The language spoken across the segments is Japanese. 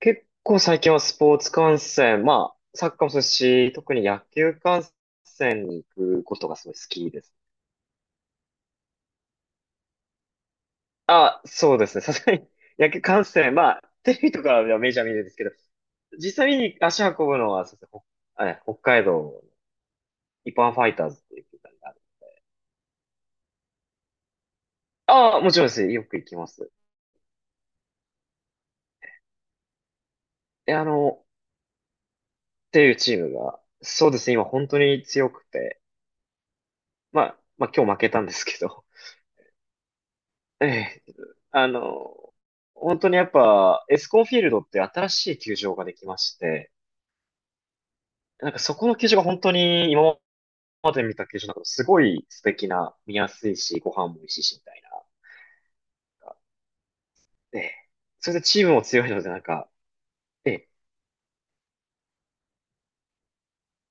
結構最近はスポーツ観戦、まあ、サッカーもそうですし、特に野球観戦に行くことがすごい好きです。あ、そうですね。さすがに 野球観戦、まあ、テレビとかではメジャー見るんですけど、実際に足運ぶのは、そうですね、北海道の一般ファイターズっていう球団がある。ああ、もちろんです。よく行きます。え、あの、っていうチームが、そうですね、今本当に強くて、まあ、まあ今日負けたんですけど、ええ、あの、本当にやっぱ、エスコンフィールドって新しい球場ができまして、なんかそこの球場が本当に今まで見た球場の中でもすごい素敵な、見やすいし、ご飯も美味しいし、みたいな。ええ、それでチームも強いので、なんか、ええ、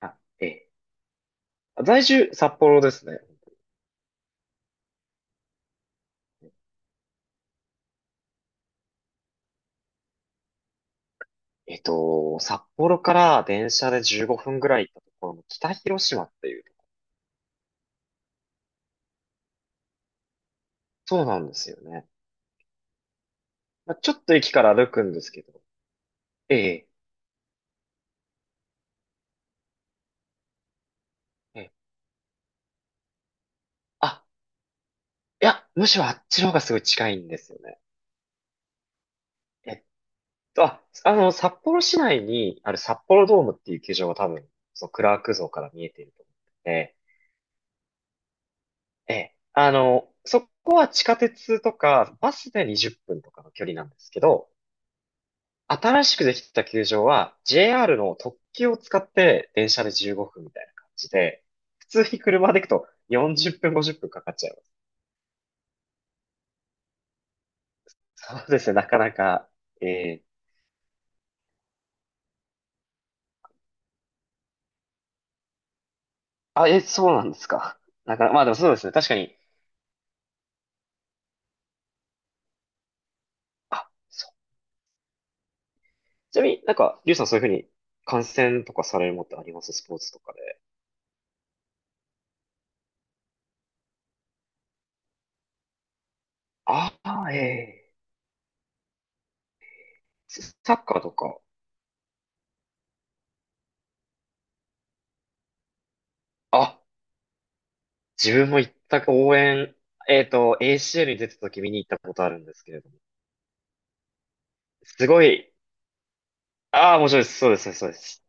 あ、ええ、在住、札幌ですね。札幌から電車で15分ぐらい行ったところの北広島って。いや、むしろあっちの方がすごい近いんですよね。えっ札幌市内にある札幌ドームっていう球場が多分、そのクラーク像から見えていると思ってて、ええ、そこは地下鉄とかバスで20分とかの距離なんですけど、新しくできた球場は JR の特急を使って電車で15分みたいな感じで、普通に車で行くと40分、50分かかっちゃいます。そうですね、なかなか、ええ、あ、そうなんですか。なかなか、まあでもそうですね。確かに。あ、そう。ちなみになんか、リュウさんそういうふうに観戦とかされるものってありますスポーツとかで。ああ、ええ、サッカーとか。あ、自分も行った応援、ACL に出てた時見に行ったことあるんですけれども。すごい、ああ、面白いです。そうです、そうです。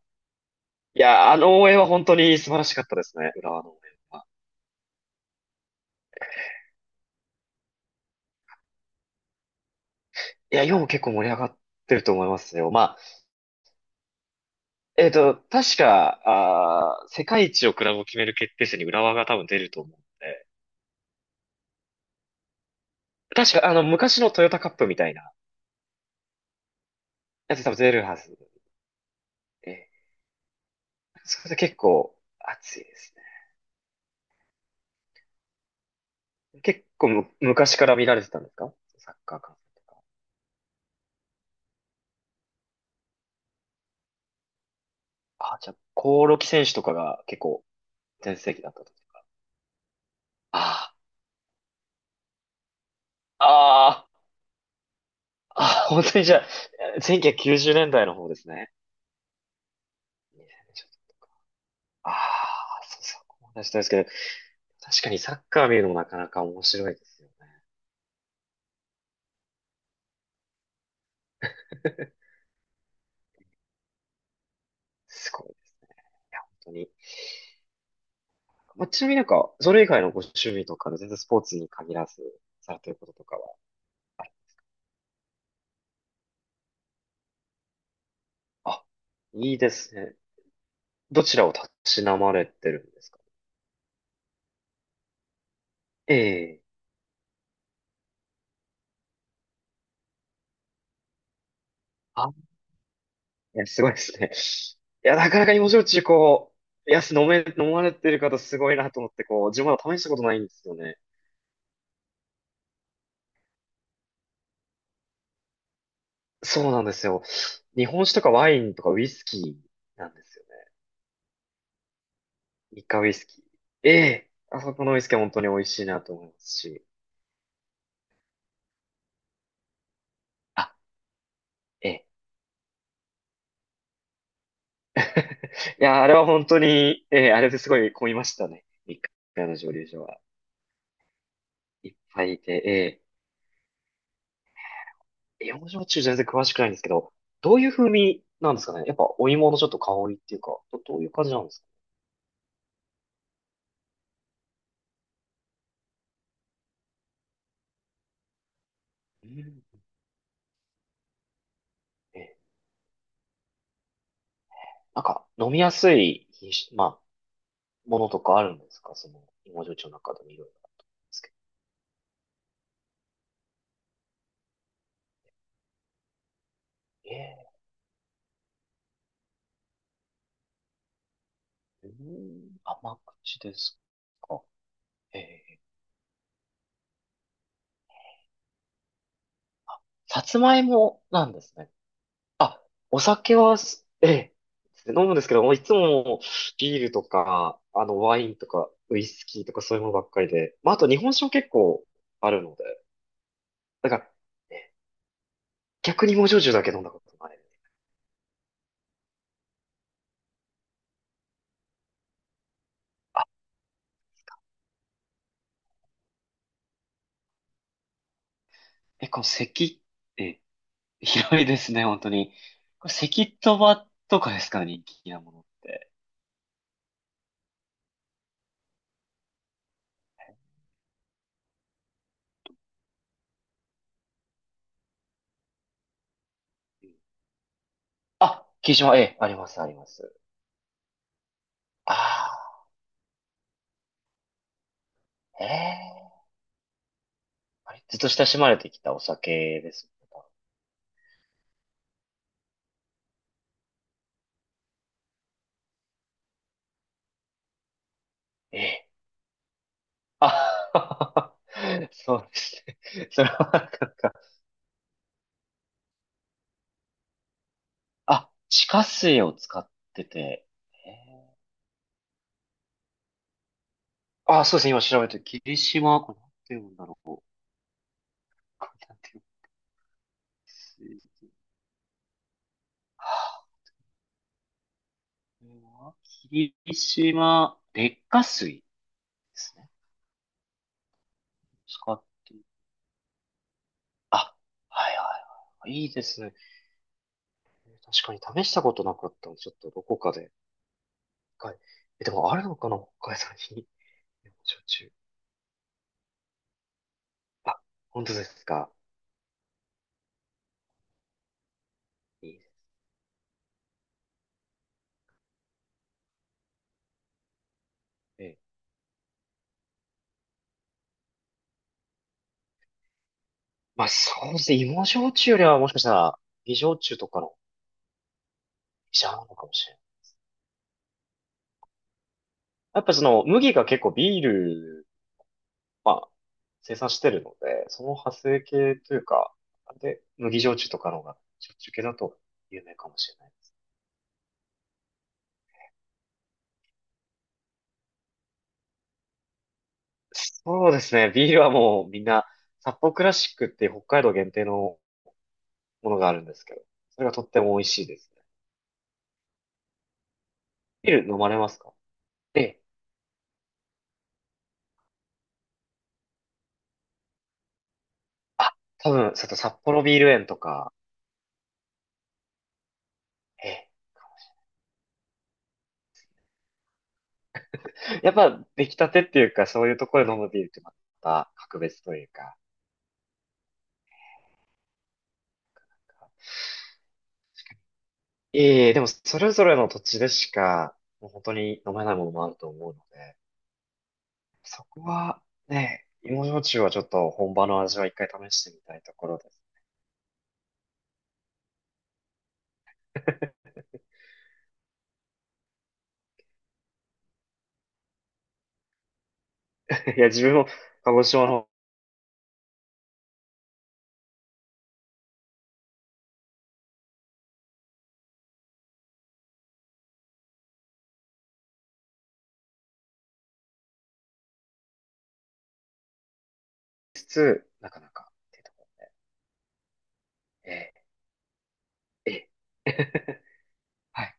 いや、あの応援は本当に素晴らしかったですね。浦和の応援は。いや、今も結構盛り上がってると思いますよ。まあ、確か、世界一をクラブを決める決定戦に浦和が多分出ると思うんで。確か、昔のトヨタカップみたいなやつ多分出るはずで、それで結構熱いですね。結構昔から見られてたんですか？サッカー観戦。あ、じゃあ、興梠選手とかが結構全盛期だったと。ああ、ああ、ああ、本当にじゃあ、1990年代の方ですね。にせんねんちょっとか。ああ、そうそう、思したですけど、確かにサッカー見るのもなかなか面白いですよね。すごい、本当に。まあ、ちなみになんか、それ以外のご趣味とかで全然スポーツに限らずされてることとかは、ある、あ、いいですね。どちらをたしなまれてるんですか？ええ、あ、いや、すごいですね。いや、なかなか芋焼酎こう、いや、飲まれてる方すごいなと思って、こう、自分はまだ試したことないんですよね。そうなんですよ。日本酒とかワインとかウイスキーなんですよね。日韓ウイスキー。ええ、あそこのウイスキーは本当に美味しいなと思いますし。あ、ええ、いや、あれは本当に、ええ、あれですごい混みましたね。一回の蒸留所は。いっぱいいて、ええ、芋焼中全然詳しくないんですけど、どういう風味なんですかね？やっぱお芋のちょっと香りっていうか、どういう感じなんですか？うん。ええ、なんか飲みやすい品種、まあ、ものとかあるんですか？その芋焼酎の中でもいろいろあるんですけど。ええ、うん、甘口ですか？ええ、さつまいもなんですね。お酒はええ、飲むんですけど、もういつもビールとか、ワインとか、ウイスキーとかそういうものばっかりで、まあ、あと日本酒も結構あるので、だから、え逆に芋焼酎だけ飲んだことない。あ、結構咳って広いですね、本当に。これ咳とばとかですか、人気なものって。あ、霧島、ええ、あります、あります。ああ、ええ、あれずっと親しまれてきたお酒ですね。ええ、あ、そうですね。それはなんか、あ、地下水を使ってて、えーあ、そうですね。今調べて、霧島、これなんて読むんだろう。これなんて読む？水は、あ、これは霧島、劣化水ですね。使ってい、あ、はいはいはい。いいですね。確かに試したことなかったので、ちょっとどこかで。一回、でもあるのかな北海道に。焼酎。あ、本当ですか。いいね。えまあそうですね。芋焼酎よりはもしかしたら、美焼酎とかのメジャーなのかもしれない。やっぱその麦が結構ビール生産してるので、その派生系というか、で、麦焼酎とかの方が焼酎系だと有名かもしれないです。そうですね。ビールはもうみんな、札幌クラシックっていう北海道限定のものがあるんですけど、それがとっても美味しいですね。ビール飲まれますか？ええ。あ、多分、ちょっと札幌ビール園とか、ええ、やっぱ出来たてっていうか、そういうところで飲むビールってまた格別というか。ええ、でもそれぞれの土地でしか、もう本当に飲めないものもあると思うので、そこはね、芋焼酎はちょっと本場の味は一回試してみたいところです。いや、自分も鹿児島の方にしつつ、なかなかっていうところ。ええ、ええ。はい